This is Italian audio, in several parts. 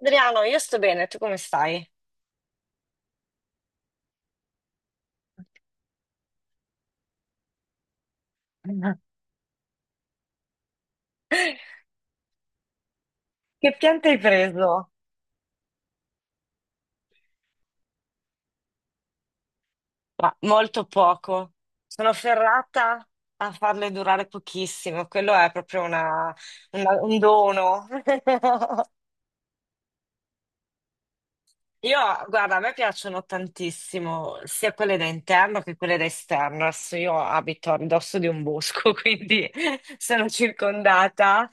Adriano, io sto bene, tu come stai? Che piante hai preso? Ma molto poco. Sono ferrata a farle durare pochissimo. Quello è proprio un dono. Io, guarda, a me piacciono tantissimo sia quelle da interno che quelle da esterno. Adesso io abito a ridosso di un bosco, quindi sono circondata.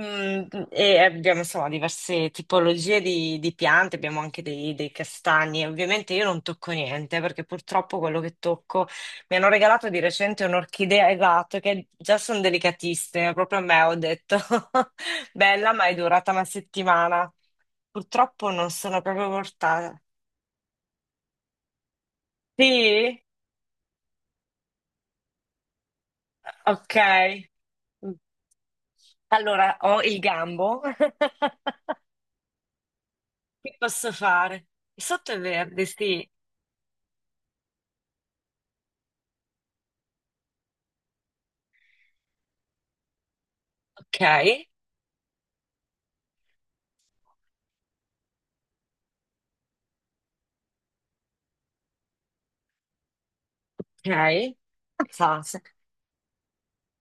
Mm, e abbiamo insomma diverse tipologie di piante, abbiamo anche dei castagni. Ovviamente io non tocco niente perché purtroppo quello che tocco mi hanno regalato di recente un'orchidea esatto, che già sono delicatissime. Proprio a me ho detto bella, ma è durata una settimana. Purtroppo non sono proprio portata. Sì? Ok. Allora, ho il gambo. Che posso fare? Il sotto è verde, sì. Ok, ok. Mazza, se-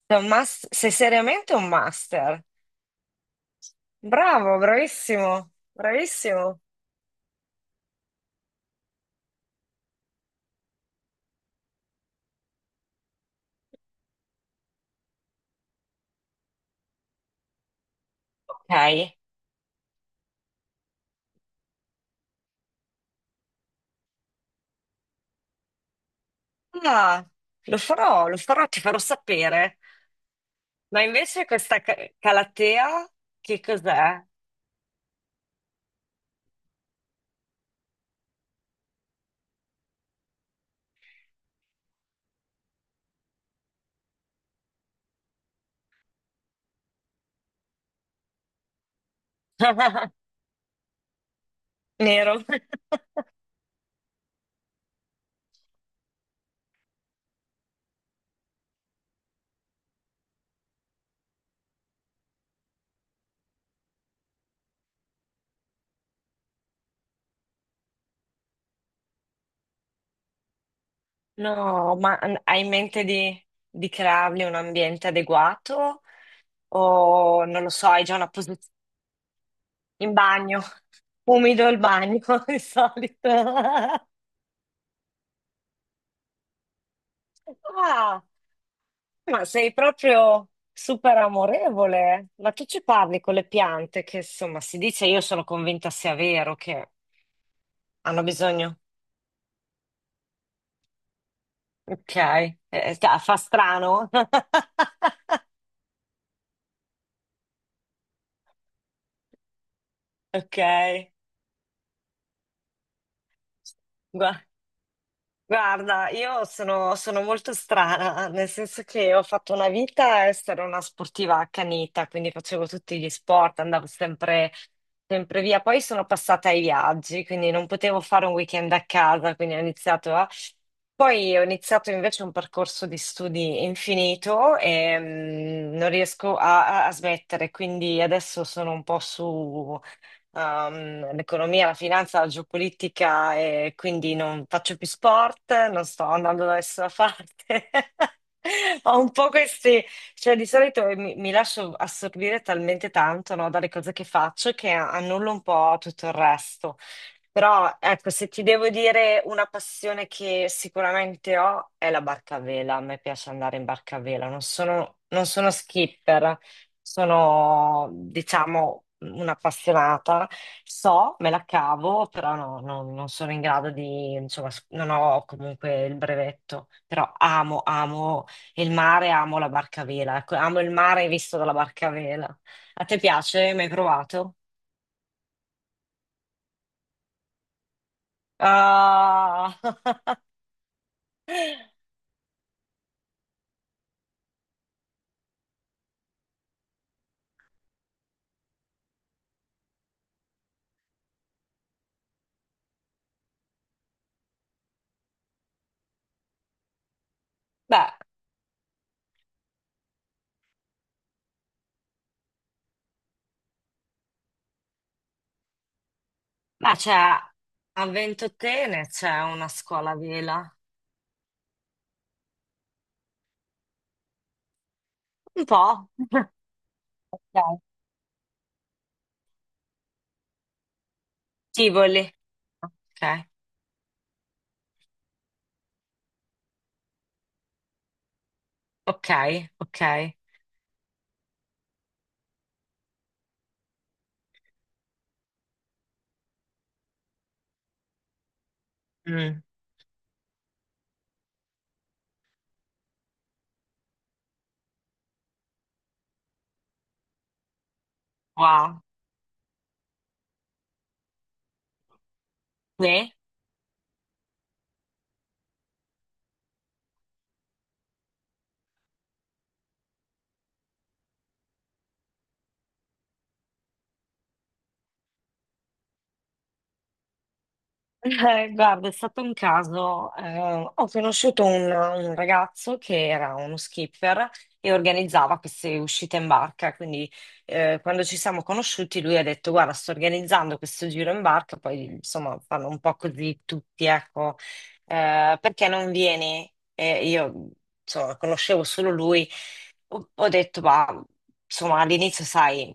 sei un mas- sei seriamente un master. Bravo, bravissimo, bravissimo. Ok. Ah, lo farò, ti farò sapere. Ma invece questa calatea, che cos'è? Nero. No, hai in mente di creargli un ambiente adeguato? O non lo so, hai già una posizione in bagno, umido il bagno di solito. Ah, ma sei proprio super amorevole. Ma tu ci parli con le piante, che insomma si dice, io sono convinta sia vero che hanno bisogno. Ok. Fa strano. Ok. Gua- Guarda, io sono molto strana, nel senso che ho fatto una vita a essere una sportiva accanita, quindi facevo tutti gli sport, andavo sempre via. Poi sono passata ai viaggi, quindi non potevo fare un weekend a casa, quindi ho iniziato a... Poi ho iniziato invece un percorso di studi infinito e non riesco a, a smettere, quindi adesso sono un po' su l'economia, la finanza, la geopolitica e quindi non faccio più sport, non sto andando da nessuna parte. Ho un po' questi, cioè di solito mi lascio assorbire talmente tanto, no, dalle cose che faccio che annullo un po' tutto il resto. Però ecco, se ti devo dire una passione che sicuramente ho è la barca a vela. A me piace andare in barca a vela, non sono skipper, sono, diciamo, un'appassionata, so, me la cavo, però non sono in grado di, insomma, non ho comunque il brevetto, però amo il mare, amo la barca a vela, ecco, amo il mare visto dalla barca a vela. A te piace? Mi hai provato? Ah, beh, ma c'è a Ventotene c'è una scuola a vela, un po'. Ok. Tivoli. Ok, ok, ok. Mm, wow. Beh, guarda, è stato un caso. Ho conosciuto un ragazzo che era uno skipper e organizzava queste uscite in barca. Quindi, quando ci siamo conosciuti, lui ha detto: Guarda, sto organizzando questo giro in barca. Poi, insomma, fanno un po' così tutti, ecco. Perché non vieni? E io, insomma, conoscevo solo lui. Ho detto, ma insomma, all'inizio, sai,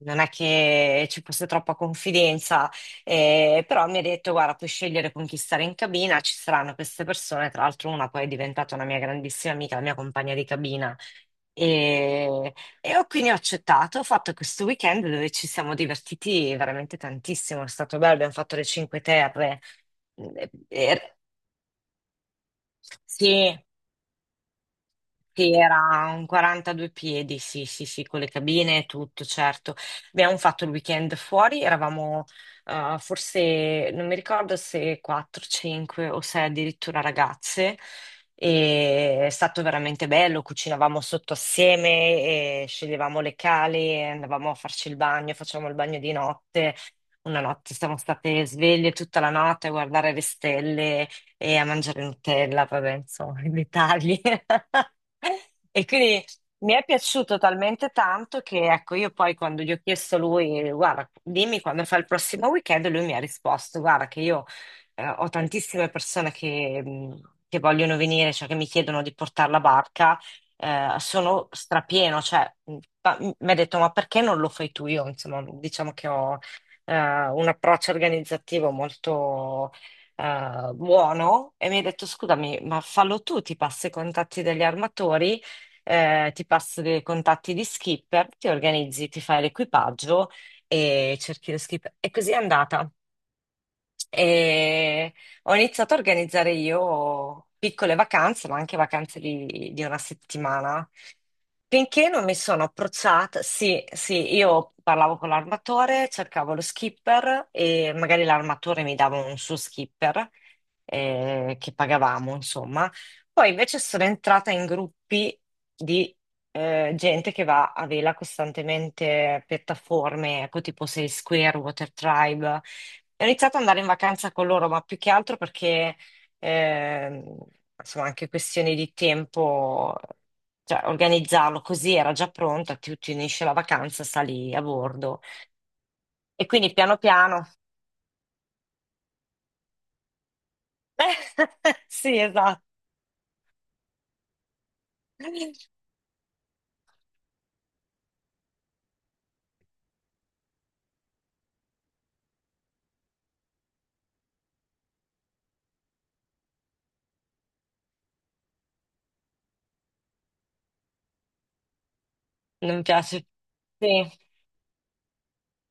non è che ci fosse troppa confidenza. Però mi ha detto, guarda, puoi scegliere con chi stare in cabina, ci saranno queste persone, tra l'altro una poi è diventata una mia grandissima amica, la mia compagna di cabina. E, e ho quindi ho accettato, ho fatto questo weekend dove ci siamo divertiti veramente tantissimo, è stato bello, abbiamo fatto le Cinque Terre. Mm, sì, Sì, era un 42 piedi, sì, sì, sì, con le cabine e tutto, certo. Abbiamo fatto il weekend fuori, eravamo forse, non mi ricordo se 4, 5 o 6 addirittura ragazze, e è stato veramente bello, cucinavamo sotto assieme, e sceglievamo le cali, andavamo a farci il bagno, facevamo il bagno di notte. Una notte siamo state sveglie tutta la notte a guardare le stelle e a mangiare Nutella, vabbè, insomma, i dettagli. E quindi mi è piaciuto talmente tanto che, ecco, io poi quando gli ho chiesto a lui, guarda, dimmi quando fa il prossimo weekend, lui mi ha risposto, guarda, che io ho tantissime persone che vogliono venire, cioè che mi chiedono di portare la barca, sono strapieno, cioè, mi ha detto, ma perché non lo fai tu? Io, insomma, diciamo che ho eh, un approccio organizzativo molto buono e mi hai detto scusami, ma fallo tu, ti passo i contatti degli armatori, ti passo i contatti di skipper, ti organizzi, ti fai l'equipaggio e cerchi lo skipper. E così è andata. E ho iniziato a organizzare io piccole vacanze, ma anche vacanze di una settimana. Finché non mi sono approcciata, sì, sì, io parlavo con l'armatore, cercavo lo skipper e magari l'armatore mi dava un suo skipper che pagavamo, insomma. Poi invece sono entrata in gruppi di gente che va a vela costantemente, piattaforme, ecco tipo Sail Square, Water Tribe. Ho iniziato ad andare in vacanza con loro, ma più che altro perché, ehm, insomma, anche questioni di tempo, cioè organizzarlo così era già pronta, ti unisci alla vacanza, sali a bordo. E quindi piano piano... Sì, esatto. Non piace. Sì.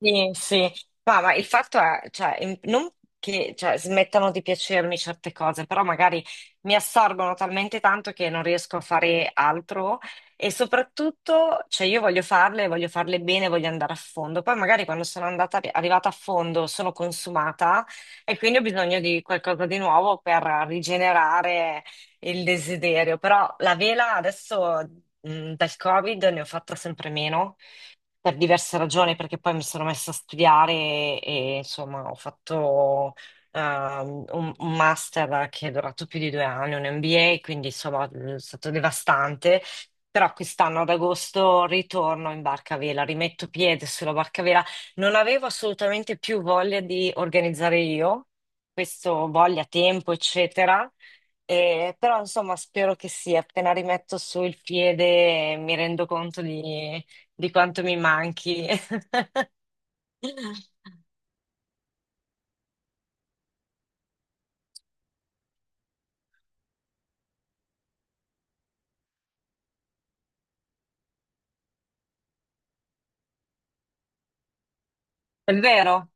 Sì, sì. Ma il fatto è, cioè, non che cioè, smettano di piacermi certe cose, però magari mi assorbono talmente tanto che non riesco a fare altro e soprattutto, cioè, io voglio farle bene, voglio andare a fondo. Poi magari quando sono andata, arrivata a fondo sono consumata e quindi ho bisogno di qualcosa di nuovo per rigenerare il desiderio. Però la vela adesso, dal Covid ne ho fatta sempre meno per diverse ragioni, perché poi mi sono messa a studiare e insomma ho fatto un master che è durato più di due anni, un MBA, quindi insomma è stato devastante. Però quest'anno ad agosto ritorno in barcavela, rimetto piede sulla barcavela. Non avevo assolutamente più voglia di organizzare io, questo voglia, tempo, eccetera. Però insomma spero che sì, appena rimetto su il piede mi rendo conto di quanto mi manchi. È vero,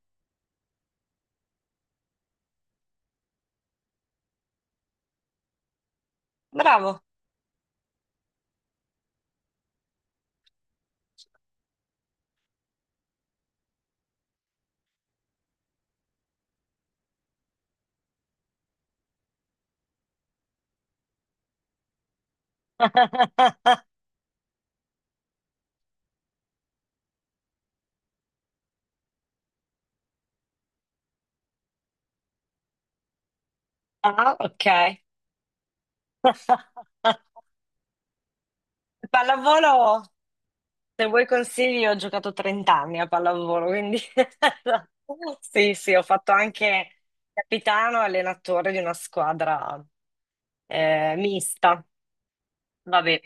bravo. Ah, ok. Pallavolo, se vuoi consigli, ho giocato 30 anni a pallavolo, quindi sì, sì, ho fatto anche capitano e allenatore di una squadra mista. Vabbè,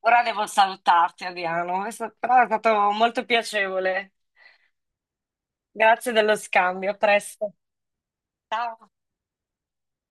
ora devo salutarti, Adriano, è però è stato molto piacevole. Grazie dello scambio, a presto. Ciao.